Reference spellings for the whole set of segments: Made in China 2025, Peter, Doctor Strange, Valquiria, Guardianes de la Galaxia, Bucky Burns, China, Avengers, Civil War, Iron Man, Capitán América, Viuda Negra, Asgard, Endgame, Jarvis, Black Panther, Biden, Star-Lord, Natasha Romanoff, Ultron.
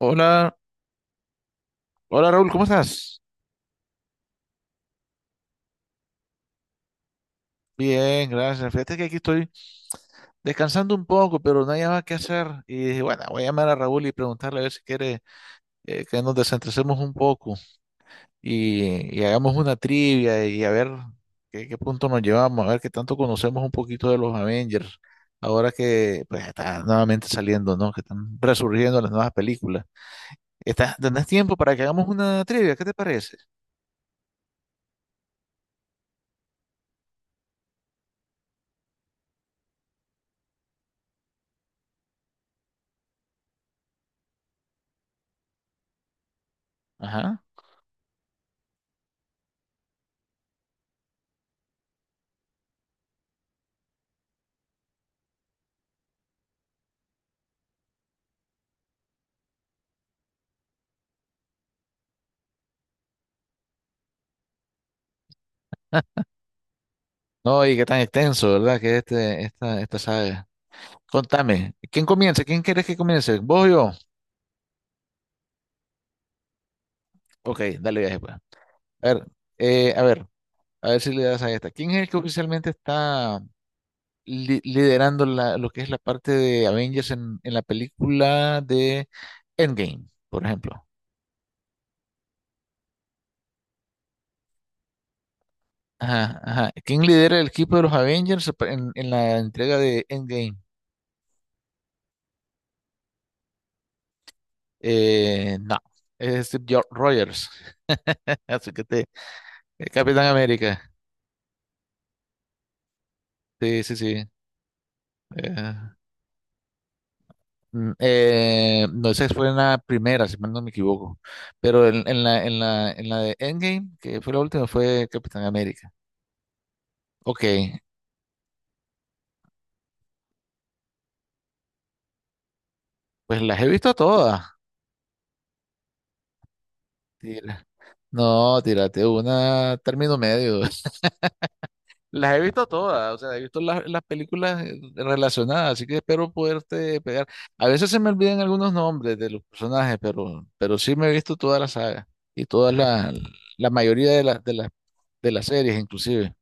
Hola, hola Raúl, ¿cómo estás? Bien, gracias. Fíjate que aquí estoy descansando un poco, pero no hay nada que hacer. Y dije, bueno, voy a llamar a Raúl y preguntarle a ver si quiere que nos desentresemos un poco y hagamos una trivia y a ver qué punto nos llevamos, a ver qué tanto conocemos un poquito de los Avengers, ahora que pues está nuevamente saliendo, ¿no? Que están resurgiendo las nuevas películas. ¿Estás, tenés tiempo para que hagamos una trivia? ¿Qué te parece? Ajá. No, y qué tan extenso, ¿verdad? Que es esta saga. Contame, ¿quién comienza? ¿Quién quieres que comience? ¿Vos o yo? Ok, dale viaje pues. A ver, eh, a ver, a ver si le das a esta. ¿Quién es el que oficialmente está liderando lo que es la parte de Avengers en la película de Endgame, por ejemplo? Ajá. ¿Quién lidera el equipo de los Avengers en la entrega de Endgame? No, es Steve Rogers. Así que te, Capitán América. Sí, sí, sí. Eh, no, esa fue en la primera, si mal no me equivoco. Pero en la de Endgame, que fue la última, fue Capitán América. Ok, pues las he visto todas. Tira. No, tírate una término medio. Las he visto todas, o sea, he visto las películas relacionadas, así que espero poderte pegar. A veces se me olvidan algunos nombres de los personajes, pero sí me he visto toda la saga y toda la mayoría de las de las series, inclusive.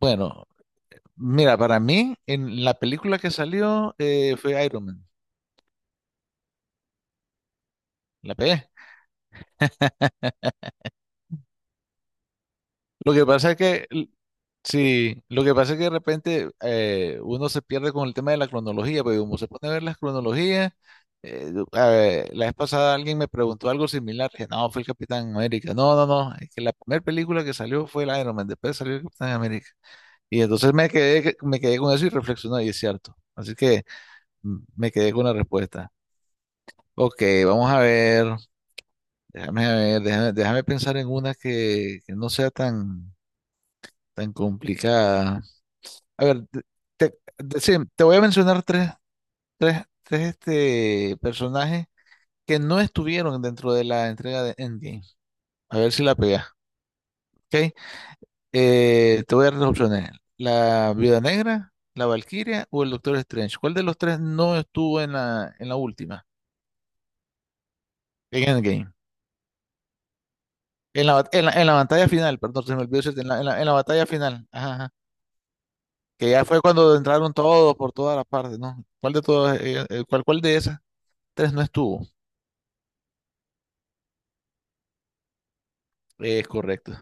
Bueno, mira, para mí, en la película que salió fue Iron Man. La pegué. Lo que pasa es que, sí, lo que pasa es que de repente uno se pierde con el tema de la cronología, porque como se pone a ver las cronologías, a ver, la vez pasada alguien me preguntó algo similar, que no, fue el Capitán América. No, no, no, es que la primera película que salió fue el Iron Man, después salió el Capitán América. Y entonces me quedé, me quedé con eso y reflexioné, y es cierto. Así que me quedé con la respuesta. Ok, vamos a ver. Déjame ver, déjame, déjame pensar en una que no sea tan complicada. A ver, te- sí, te voy a mencionar tres personajes que no estuvieron dentro de la entrega de Endgame. A ver si la pegas. ¿Ok? Te voy a dar las opciones. La Viuda Negra, la Valquiria o el Doctor Strange. ¿Cuál de los tres no estuvo en en la última? En Endgame. En la, bat- en la batalla final, perdón, se me olvidó decirte, en la batalla final. Ajá, que ya fue cuando entraron todos por todas las partes, ¿no? ¿Cuál de todas, cuál de esas tres no estuvo? Es correcto.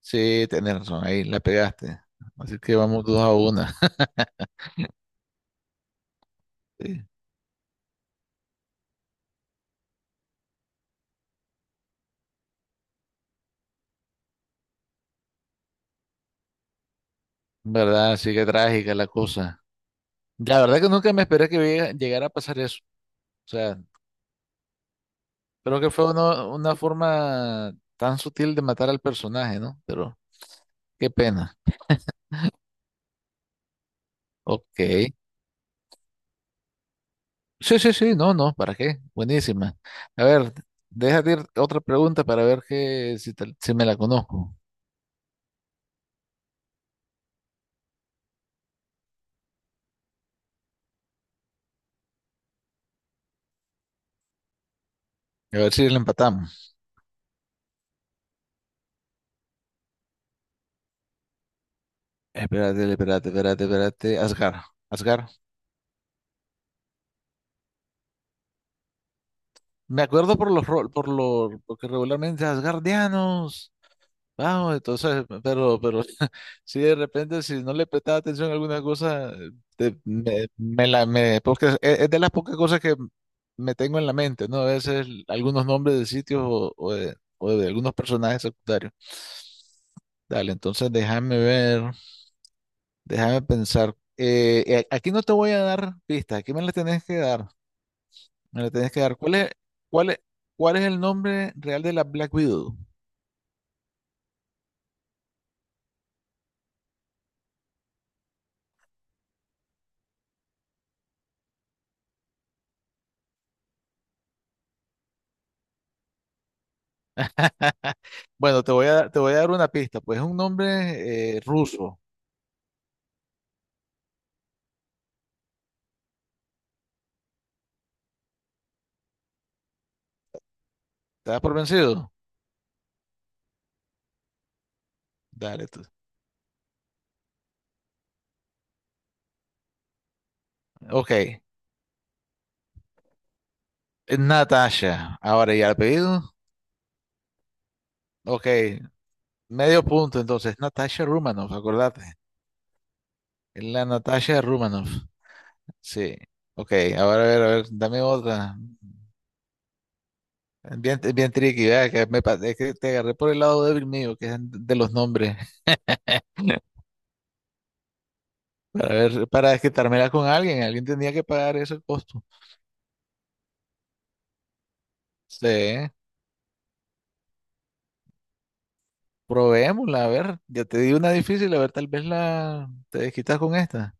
Sí, tenés razón, ahí la pegaste. Así que vamos dos a una. Sí, ¿verdad? Sí, que trágica la cosa. La verdad que nunca me esperé que llegara a pasar eso. O sea, creo que fue una forma tan sutil de matar al personaje, ¿no? Pero qué pena. Ok. Sí, sí, sí, no, no, ¿para qué? Buenísima. A ver, déjate ir otra pregunta para ver que, si, te- si me la conozco. A ver si la empatamos. Espérate, espérate, espérate, espérate. Asgard, Asgard. Me acuerdo por los rol, por los, porque regularmente asgardianos. Vamos, entonces, pero si de repente, si no le prestaba atención a alguna cosa, porque es de las pocas cosas que me tengo en la mente, ¿no? A veces algunos nombres de sitios o de algunos personajes secundarios. Dale, entonces déjame ver, déjame pensar. Aquí no te voy a dar pistas, aquí me las tenés que dar, me las tenés que dar. Cuál es, ¿cuál es el nombre real de la Black Widow? Bueno, te voy a dar una pista, pues es un nombre ruso. ¿Te das por vencido? Dale tú. Ok, Natasha. Ahora, ¿y el apellido? Ok, medio punto entonces. Natasha Romanoff, acordate. La Natasha Romanoff. Sí. Ok, ahora a ver, dame otra. Bien, bien tricky, ¿verdad? Es que te agarré por el lado débil mío, que es de los nombres. Para ver, para desquitármela con alguien, alguien tenía que pagar ese costo. Sí. Probémosla, a ver, ya te di una difícil, a ver, tal vez la te desquitas con esta.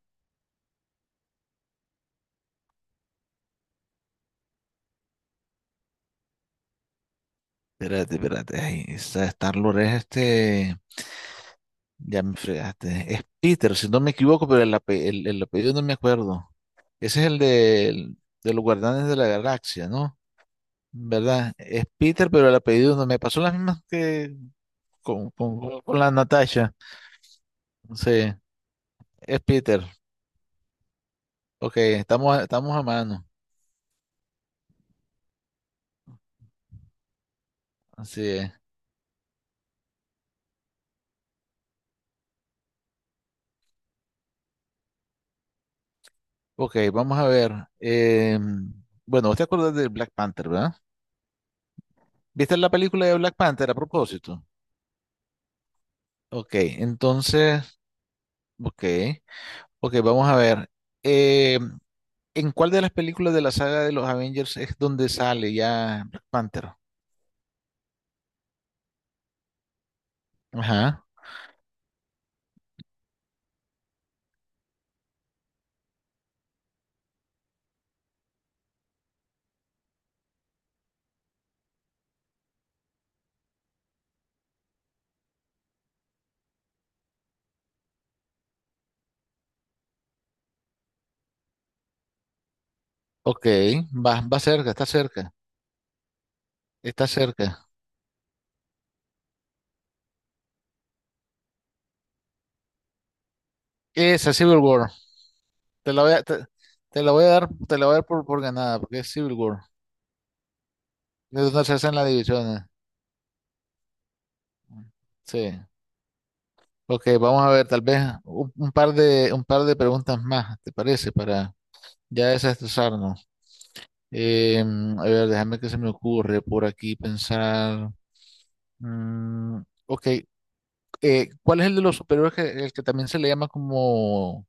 Espérate, espérate, ay, esa Star-Lord es este, ya me fregaste, es Peter, si no me equivoco, pero el apellido no me acuerdo. Ese es el de los Guardianes de la Galaxia, ¿no? ¿Verdad? Es Peter, pero el apellido no me pasó las mismas que con la Natasha. Sí, es Peter. Ok, estamos, estamos a mano. Así es. Ok, vamos a ver. eh, bueno, vos te acuerdas de Black Panther, ¿verdad? ¿Viste la película de Black Panther a propósito? Ok, entonces, ok, ok, vamos a ver. eh, ¿En cuál de las películas de la saga de los Avengers es donde sale ya Black Panther? Ajá, ok, va, va cerca, está cerca, está cerca. Esa, Civil War, te la voy a, te, te la voy a dar, te la voy a dar por ganada, porque es Civil War. Es donde se hacen las divisiones. Sí. Ok, vamos a ver, tal vez un par un par de preguntas más, ¿te parece? Para ya desestresarnos. Em, a ver, déjame que se me ocurre por aquí pensar. Mm, ok, ¿cuál es el de los superiores que, el que también se le llama como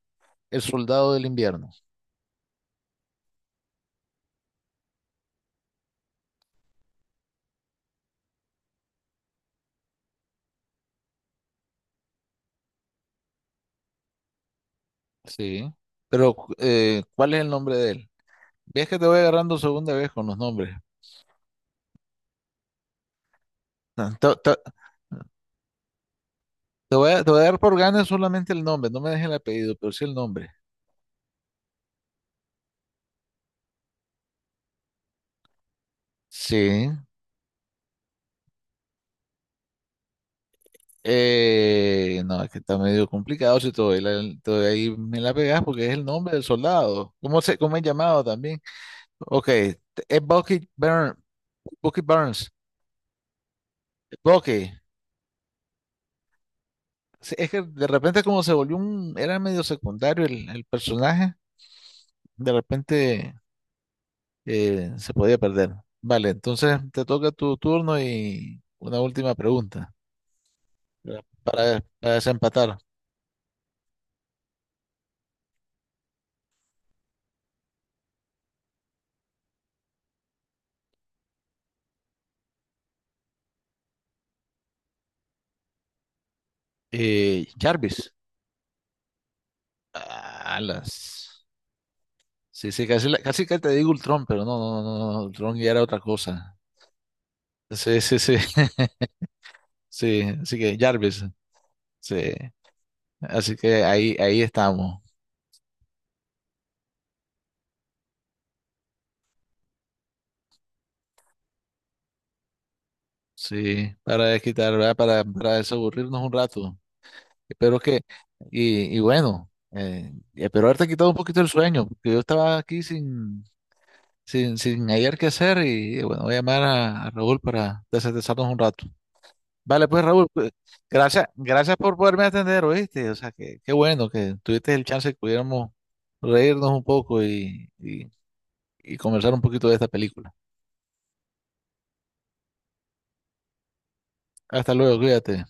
el soldado del invierno? Sí, pero ¿cuál es el nombre de él? Ves que te voy agarrando segunda vez con los nombres. Ah, te voy a dar por ganas solamente el nombre, no me dejes el apellido, pero sí el nombre. Sí. No, es que está medio complicado si todavía, todavía ahí me la pegas porque es el nombre del soldado. ¿Cómo cómo es llamado también? Ok, es Bucky Burns. Bucky Burns. Bucky. Sí, es que de repente como se volvió era medio secundario el personaje, de repente se podía perder. Vale, entonces te toca tu turno y una última pregunta para desempatar. Jarvis. Alas. Sí, sí, casi, casi que te digo Ultron, pero no, no, no, no, no, Ultron ya era otra cosa. Sí, sí, sí. Sí, así que Jarvis. Sí. Así que ahí, ahí estamos. Sí, para desquitar, ¿verdad? Para desaburrirnos un rato. Espero que, y bueno, espero haberte quitado un poquito el sueño, porque yo estaba aquí sin, sin, sin hallar qué hacer y bueno, voy a llamar a Raúl para desestresarnos un rato. Vale, pues Raúl, pues, gracias, gracias por poderme atender, ¿oíste? O sea, que qué bueno que tuviste el chance que pudiéramos reírnos un poco y conversar un poquito de esta película. Hasta luego, cuídate.